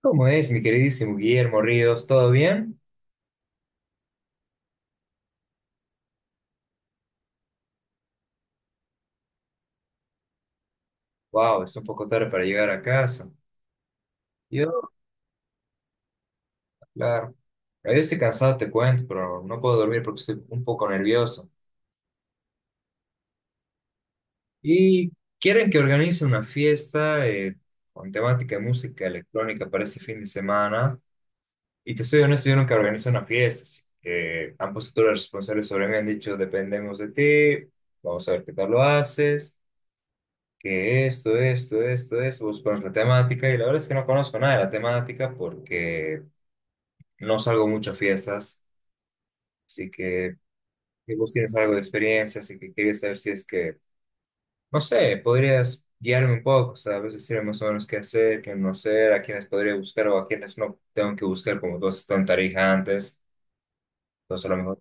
¿Cómo es, mi queridísimo Guillermo Ríos? ¿Todo bien? Wow, es un poco tarde para llegar a casa. Yo, claro. Yo estoy cansado, te cuento, pero no puedo dormir porque estoy un poco nervioso. Y quieren que organice una fiesta con temática de música electrónica para este fin de semana. Y te soy honesto, yo nunca organizo una fiesta, así que han puesto todos los responsables sobre mí, han dicho, dependemos de ti, vamos a ver qué tal lo haces. Que esto, buscar la temática, y la verdad es que no conozco nada de la temática porque no salgo mucho a fiestas, así que si vos tienes algo de experiencia, así que quería saber si es que, no sé, podrías guiarme un poco, ¿sabes? Decirme más o menos qué hacer, qué no hacer, a quiénes podría buscar o a quiénes no tengo que buscar, como tú has estado en Tarija antes, entonces a lo mejor...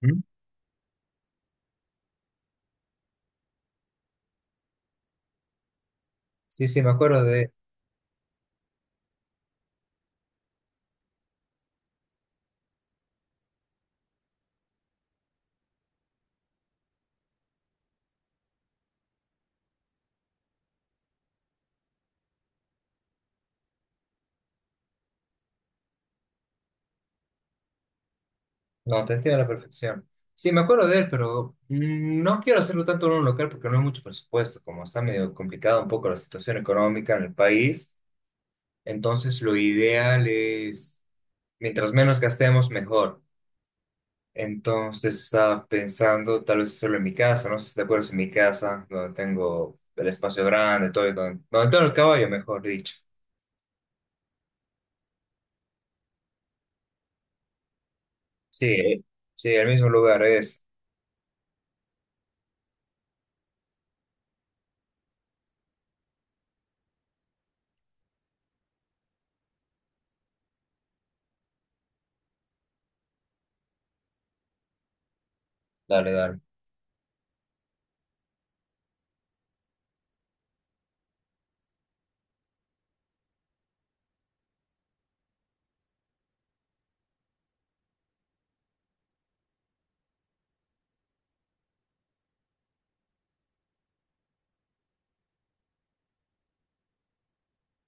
¿Mm? Sí, sí, me acuerdo. No, te entiendo a la perfección. Sí, me acuerdo de él, pero no quiero hacerlo tanto en un local porque no hay mucho presupuesto, como está medio complicada un poco la situación económica en el país. Entonces, lo ideal es, mientras menos gastemos, mejor. Entonces, estaba pensando tal vez hacerlo en mi casa, no sé si te acuerdas, en mi casa, donde tengo el espacio grande, todo, y donde tengo el caballo, mejor dicho. Sí, sí, el mismo lugar es. Dale, dale.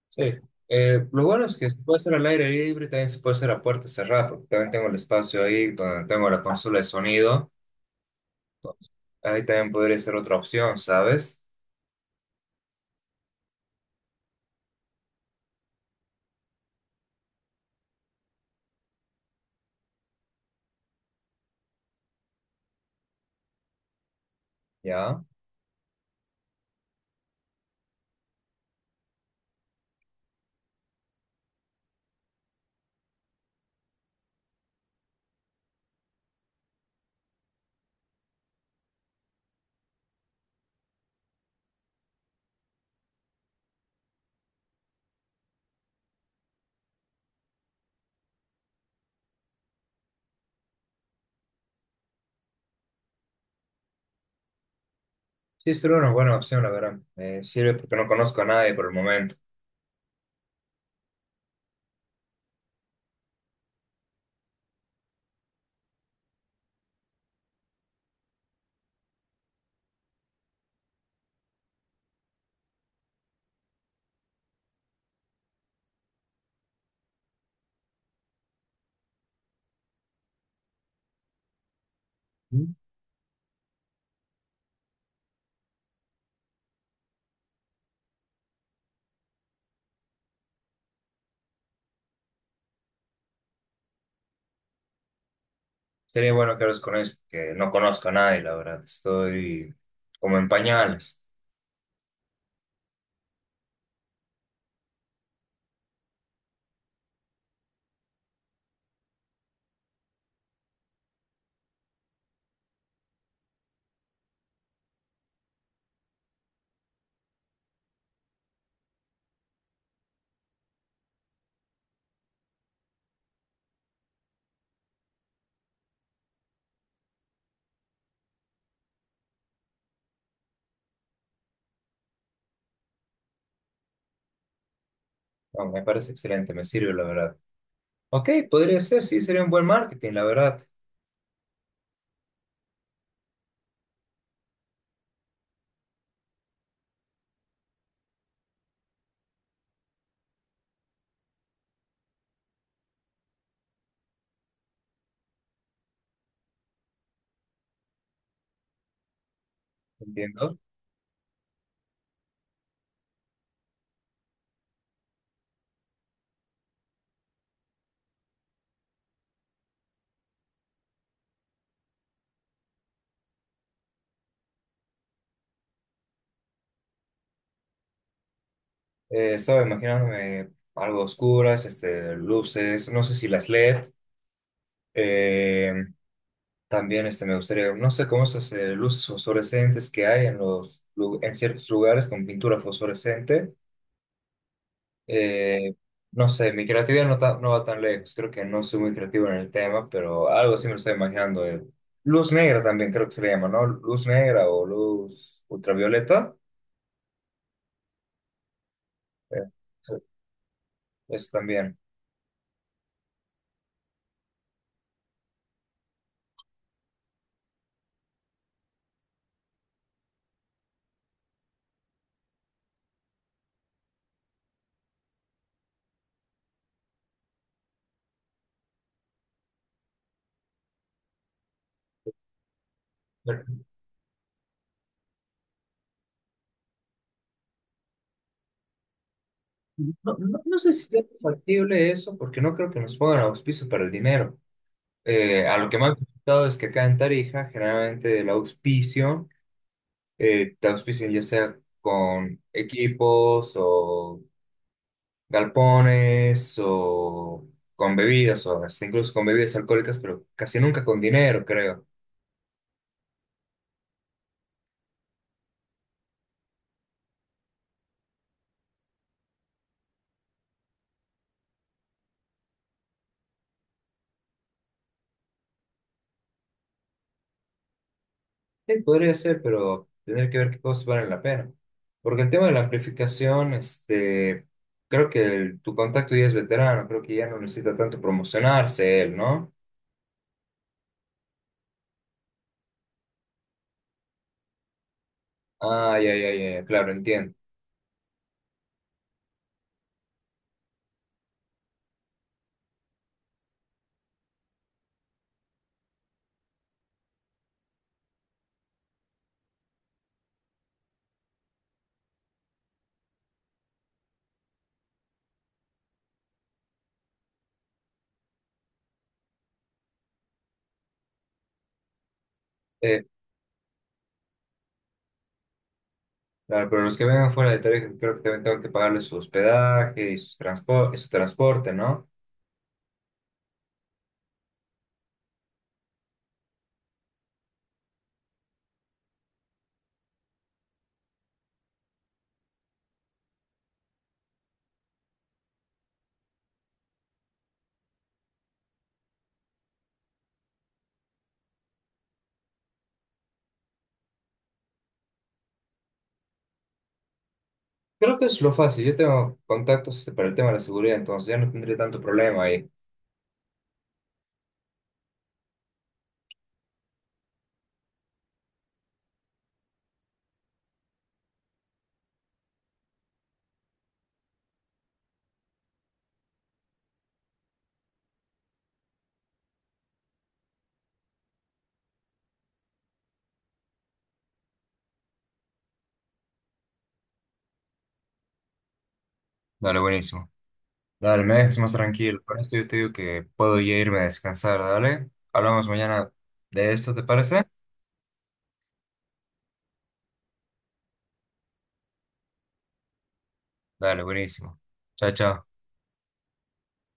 Sí. Lo bueno es que se puede hacer al aire libre, también se puede hacer a puerta cerrada, porque también tengo el espacio ahí donde tengo la consola de sonido. Entonces, ahí también podría ser otra opción, ¿sabes? Ya. Sí, sería una buena opción, la verdad. Me sirve porque no conozco a nadie por el momento. Ujú. Sería bueno que hables con ellos, porque no conozco a nadie, la verdad. Estoy como en pañales. No, me parece excelente, me sirve, la verdad. Ok, podría ser, sí, sería un buen marketing, la verdad. Entiendo. Estaba imaginándome algo oscuras, este, luces, no sé si las LED. eh, También este, me gustaría, no sé cómo esas luces fosforescentes que hay en, los, en ciertos lugares con pintura fosforescente. eh, no sé, mi creatividad no, no va tan lejos, creo que no soy muy creativo en el tema, pero algo así me lo estoy imaginando. Luz negra también creo que se le llama, ¿no? Luz negra o luz ultravioleta. eh, sí, eso también. No sé si sea factible eso, porque no creo que nos pongan auspicio para el dinero. A lo que me han comentado es que acá en Tarija, generalmente el auspicio, te auspician ya sea con equipos o galpones o con bebidas, o hasta incluso con bebidas alcohólicas, pero casi nunca con dinero, creo. Sí, podría ser, pero tendría que ver qué cosas valen la pena. Porque el tema de la amplificación, este, creo que tu contacto ya es veterano, creo que ya no necesita tanto promocionarse él, ¿no? Ah, ya, claro, entiendo. Eh, claro, pero los que vengan fuera de Tarija, creo que también tengo que pagarles su hospedaje y y su transporte, ¿no? Creo que es lo fácil. Yo tengo contactos, este, para el tema de la seguridad, entonces ya no tendré tanto problema ahí. Vale, buenísimo. Dale, me dejas más tranquilo. Por esto yo te digo que puedo ya irme a descansar, dale. Hablamos mañana de esto, ¿te parece? Dale, buenísimo. Chao, chao.